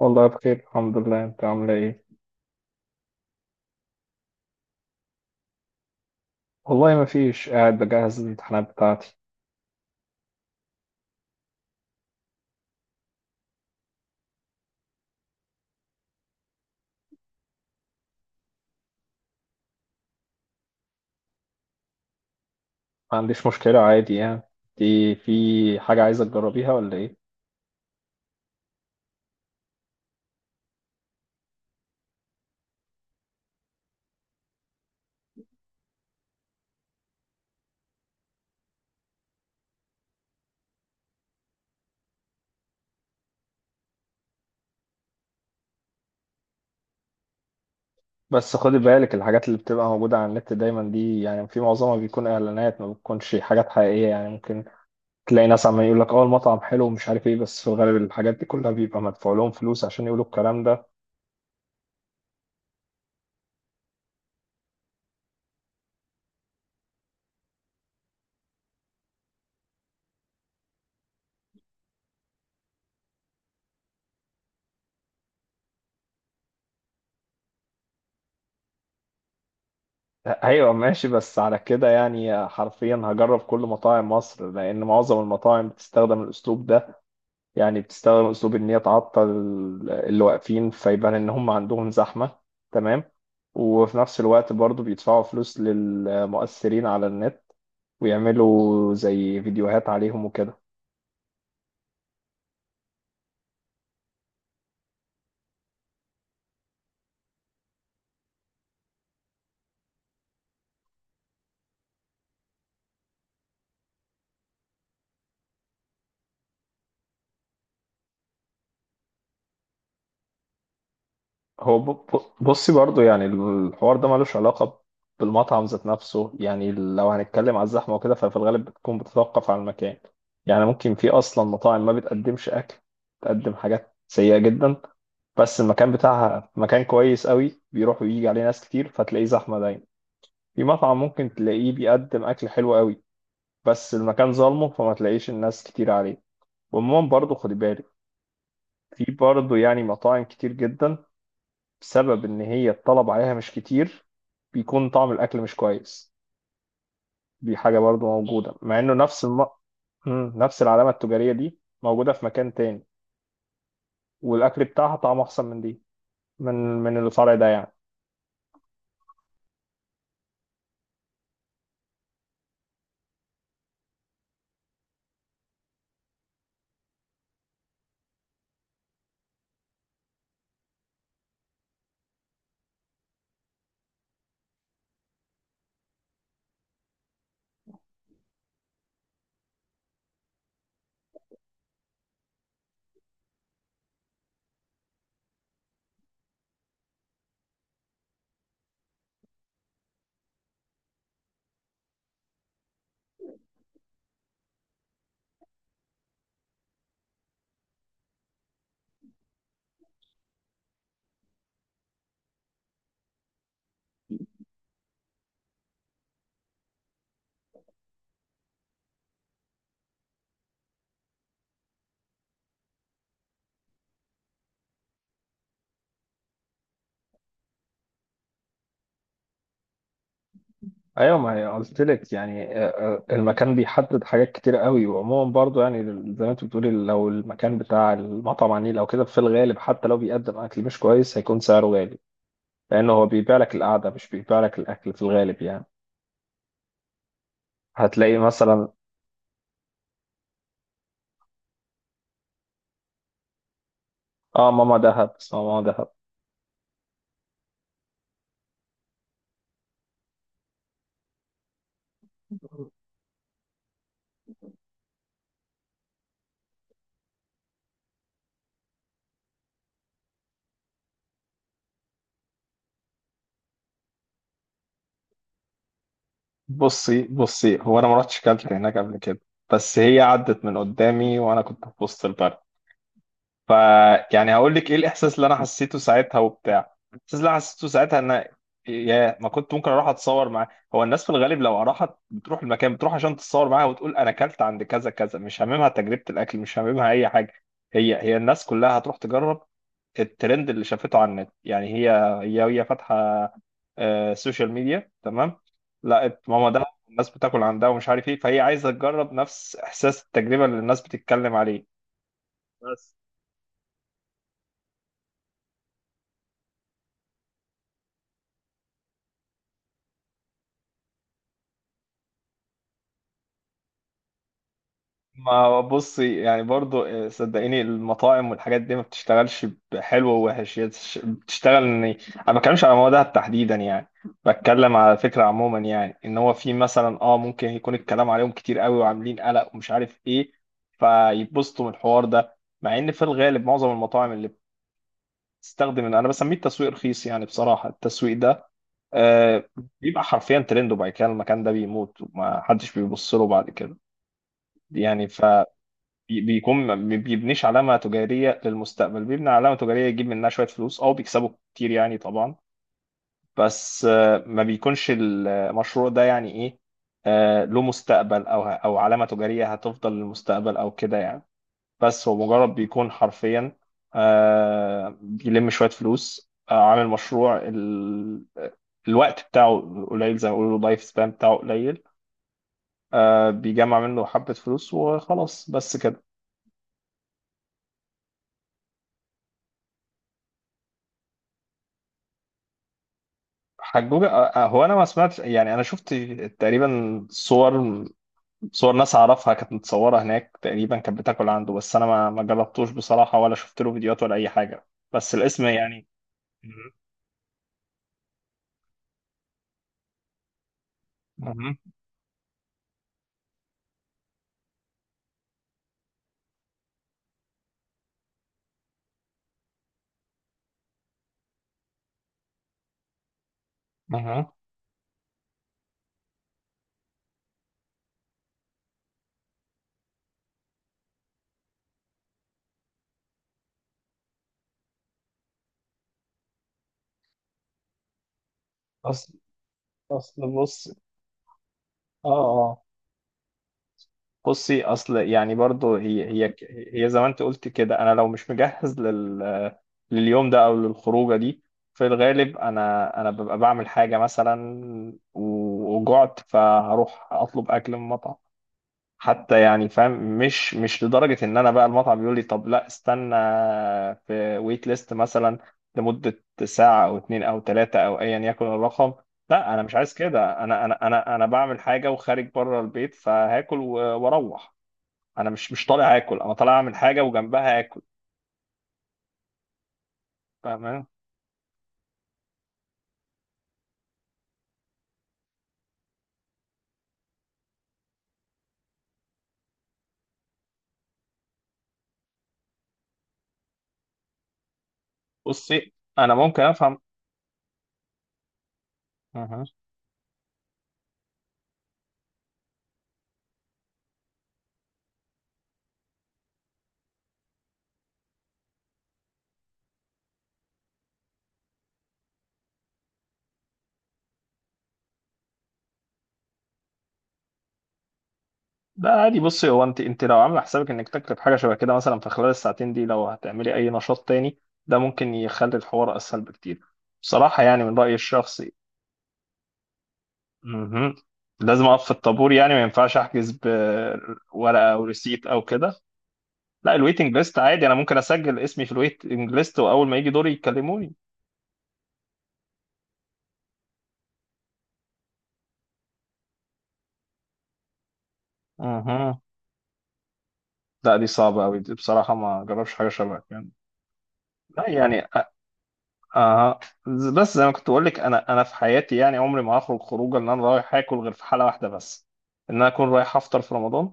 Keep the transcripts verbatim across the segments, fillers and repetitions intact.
والله بخير، الحمد لله. انت عامله ايه؟ والله ما فيش، قاعد بجهز الامتحانات بتاعتي. ما عنديش مشكله عادي يعني. دي في حاجه عايزه تجربيها ولا ايه؟ بس خدي بالك، الحاجات اللي بتبقى موجوده على النت دايما دي يعني في معظمها بيكون اعلانات، ما بتكونش حاجات حقيقيه. يعني ممكن تلاقي ناس عمال يقول لك اه المطعم حلو ومش عارف ايه، بس في الغالب الحاجات دي كلها بيبقى مدفوع لهم فلوس عشان يقولوا الكلام ده. ايوه ماشي، بس على كده يعني حرفيا هجرب كل مطاعم مصر، لان معظم المطاعم بتستخدم الاسلوب ده. يعني بتستخدم اسلوب ان هي تعطل اللي واقفين فيبان ان هم عندهم زحمة، تمام، وفي نفس الوقت برضو بيدفعوا فلوس للمؤثرين على النت ويعملوا زي فيديوهات عليهم وكده. هو ب- ب- بصي برضو، يعني الحوار ده ملوش علاقة بالمطعم ذات نفسه. يعني لو هنتكلم على الزحمة وكده ففي الغالب بتكون بتتوقف على المكان. يعني ممكن في أصلا مطاعم ما بتقدمش أكل، بتقدم حاجات سيئة جدا، بس المكان بتاعها مكان كويس قوي بيروح ويجي عليه ناس كتير فتلاقيه زحمة دايما. في مطعم ممكن تلاقيه بيقدم أكل حلو قوي بس المكان ظالمه فما تلاقيش الناس كتير عليه. وعموما برضه خدي بالك، في برضه يعني مطاعم كتير جدا، بسبب إن هي الطلب عليها مش كتير بيكون طعم الأكل مش كويس. دي حاجة برضه موجودة، مع إنه نفس الم... مم، نفس العلامة التجارية دي موجودة في مكان تاني والأكل بتاعها طعمه أحسن من دي، من من الفرع ده يعني. ايوه، ما هي قلت لك يعني، آه، آه، المكان بيحدد حاجات كتير قوي. وعموما برضو يعني، زي ما انت بتقولي، لو المكان بتاع المطعم على النيل او كده، في الغالب حتى لو بيقدم اكل مش كويس هيكون سعره غالي، لانه هو بيبيع لك القعده مش بيبيع لك الاكل في الغالب يعني. هتلاقي مثلا. اه، ماما دهب، اسمها ماما دهب. بصي بصي، هو انا ما رحتش كلت هناك قبل كده، بس هي عدت من قدامي وانا كنت في وسط البلد. ف يعني هقول لك ايه الاحساس اللي انا حسيته ساعتها وبتاع، الاحساس اللي انا حسيته ساعتها ان يا ما كنت ممكن اروح اتصور معاه. هو الناس في الغالب لو راحت بتروح المكان، بتروح عشان تتصور معاها وتقول انا اكلت عند كذا كذا، مش هاممها تجربة الاكل، مش هاممها اي حاجة. هي هي الناس كلها هتروح تجرب الترند اللي شافته على النت يعني. هي هي هي فاتحة آه، سوشيال ميديا، تمام، لقت ماما ده الناس بتاكل عندها ومش عارف ايه، فهي عايزة تجرب نفس احساس التجربة اللي الناس بتتكلم عليه. ما هو بصي يعني برضو، آه، صدقيني المطاعم والحاجات دي ما بتشتغلش بحلو ووحش. هي بتش- بتشتغل ان انا ما بتكلمش على مواد تحديدا يعني، بتكلم على فكره عموما. يعني ان هو في مثلا اه ممكن يكون الكلام عليهم كتير قوي وعاملين قلق ومش عارف ايه فيتبسطوا من الحوار ده، مع ان في الغالب معظم المطاعم اللي بتستخدم انا بسميه التسويق رخيص يعني، بصراحه التسويق ده آه بيبقى حرفيا ترند، وبعد كده المكان ده بيموت وما حدش بيبص له بعد كده يعني. بي- بيكون ما بي- بيبنيش علامة تجارية للمستقبل، بيبني علامة تجارية يجيب منها شوية فلوس، أو بيكسبوا كتير يعني طبعا. بس آه، ما بيكونش المشروع ده يعني إيه، آه، له مستقبل أو أو علامة تجارية هتفضل للمستقبل أو كده يعني. بس هو مجرد بيكون حرفيا، آه، بيلم شوية فلوس، آه، عامل مشروع ال... الوقت بتاعه قليل، زي ما بيقولوا اللايف سبان بتاعه قليل، آه، بيجمع منه حبة فلوس وخلاص بس كده. حجوجة؟ آه، آه، هو انا ما سمعتش يعني، انا شفت تقريبا صور، صور ناس اعرفها كانت متصورة هناك تقريبا كانت بتاكل عنده، بس انا ما ما جربتوش بصراحة ولا شفت له فيديوهات ولا اي حاجة، بس الاسم يعني. مهم. مهم. مهم. اصل اصل بص، اه اه بصي. اصل يعني برضو هي هي هي، زي ما انت قلت كده، انا لو مش مجهز لل لليوم ده او للخروجه دي، في الغالب انا انا ببقى بعمل حاجه مثلا وجعت فهروح اطلب اكل من مطعم. حتى يعني فاهم، مش مش لدرجه ان انا بقى المطعم بيقول لي طب لا استنى في ويت ليست مثلا لمده ساعه او اتنين او تلاته او ايا يكن الرقم. لا، انا مش عايز كده، انا انا انا انا بعمل حاجه وخارج بره البيت فهاكل و- واروح. انا مش مش طالع اكل، انا طالع اعمل حاجه وجنبها اكل. فاهم؟ بصي انا ممكن افهم. أها. ده عادي، بصي هو انت انت لو عامله حسابك انك تكتب حاجه شبه كده، مثلا في خلال الساعتين دي لو هتعملي اي نشاط تاني، ده ممكن يخلي الحوار اسهل بكتير، بصراحه يعني من رايي الشخصي. أها. لازم اقف في الطابور، يعني ما ينفعش احجز بورقه او ريسيت او كده. لا، الويتنج ليست عادي، انا ممكن اسجل اسمي في الويتنج ليست واول ما يجي دوري يكلموني. أها. لا، دي صعبه قوي دي بصراحه، ما جربش حاجه شبه كده. لا يعني أ- آه ز- بس زي ما كنت بقول لك، انا انا في حياتي يعني عمري ما هخرج خروجه ان انا رايح اكل، غير في حاله واحده بس، ان انا اكون رايح افطر في رمضان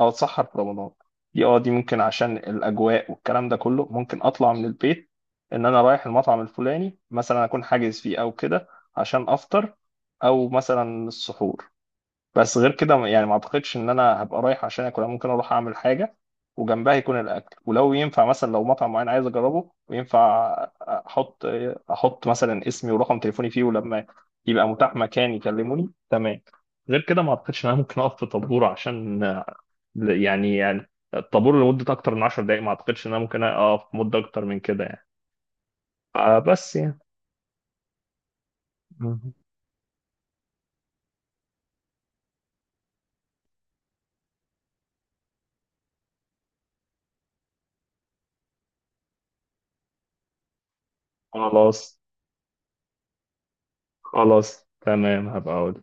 او اتسحر في رمضان. دي اه دي ممكن، عشان الاجواء والكلام ده كله ممكن اطلع من البيت ان انا رايح المطعم الفلاني مثلا اكون حاجز فيه او كده، عشان افطر او مثلا السحور. بس غير كده ما- يعني ما اعتقدش ان انا هبقى رايح عشان اكل. أنا ممكن اروح اعمل حاجه وجنبها يكون الاكل، ولو ينفع مثلا لو مطعم معين عايز اجربه وينفع، احط احط مثلا اسمي ورقم تليفوني فيه، ولما يبقى متاح مكان يكلموني، تمام. غير كده ما اعتقدش ان انا ممكن اقف في طابور عشان، يعني يعني الطابور لمده اكتر من 10 دقائق ما اعتقدش ان انا ممكن اقف مده اكتر من كده يعني. آه، بس يعني. مهم. خلاص. خلاص تمام، هبقى اقول.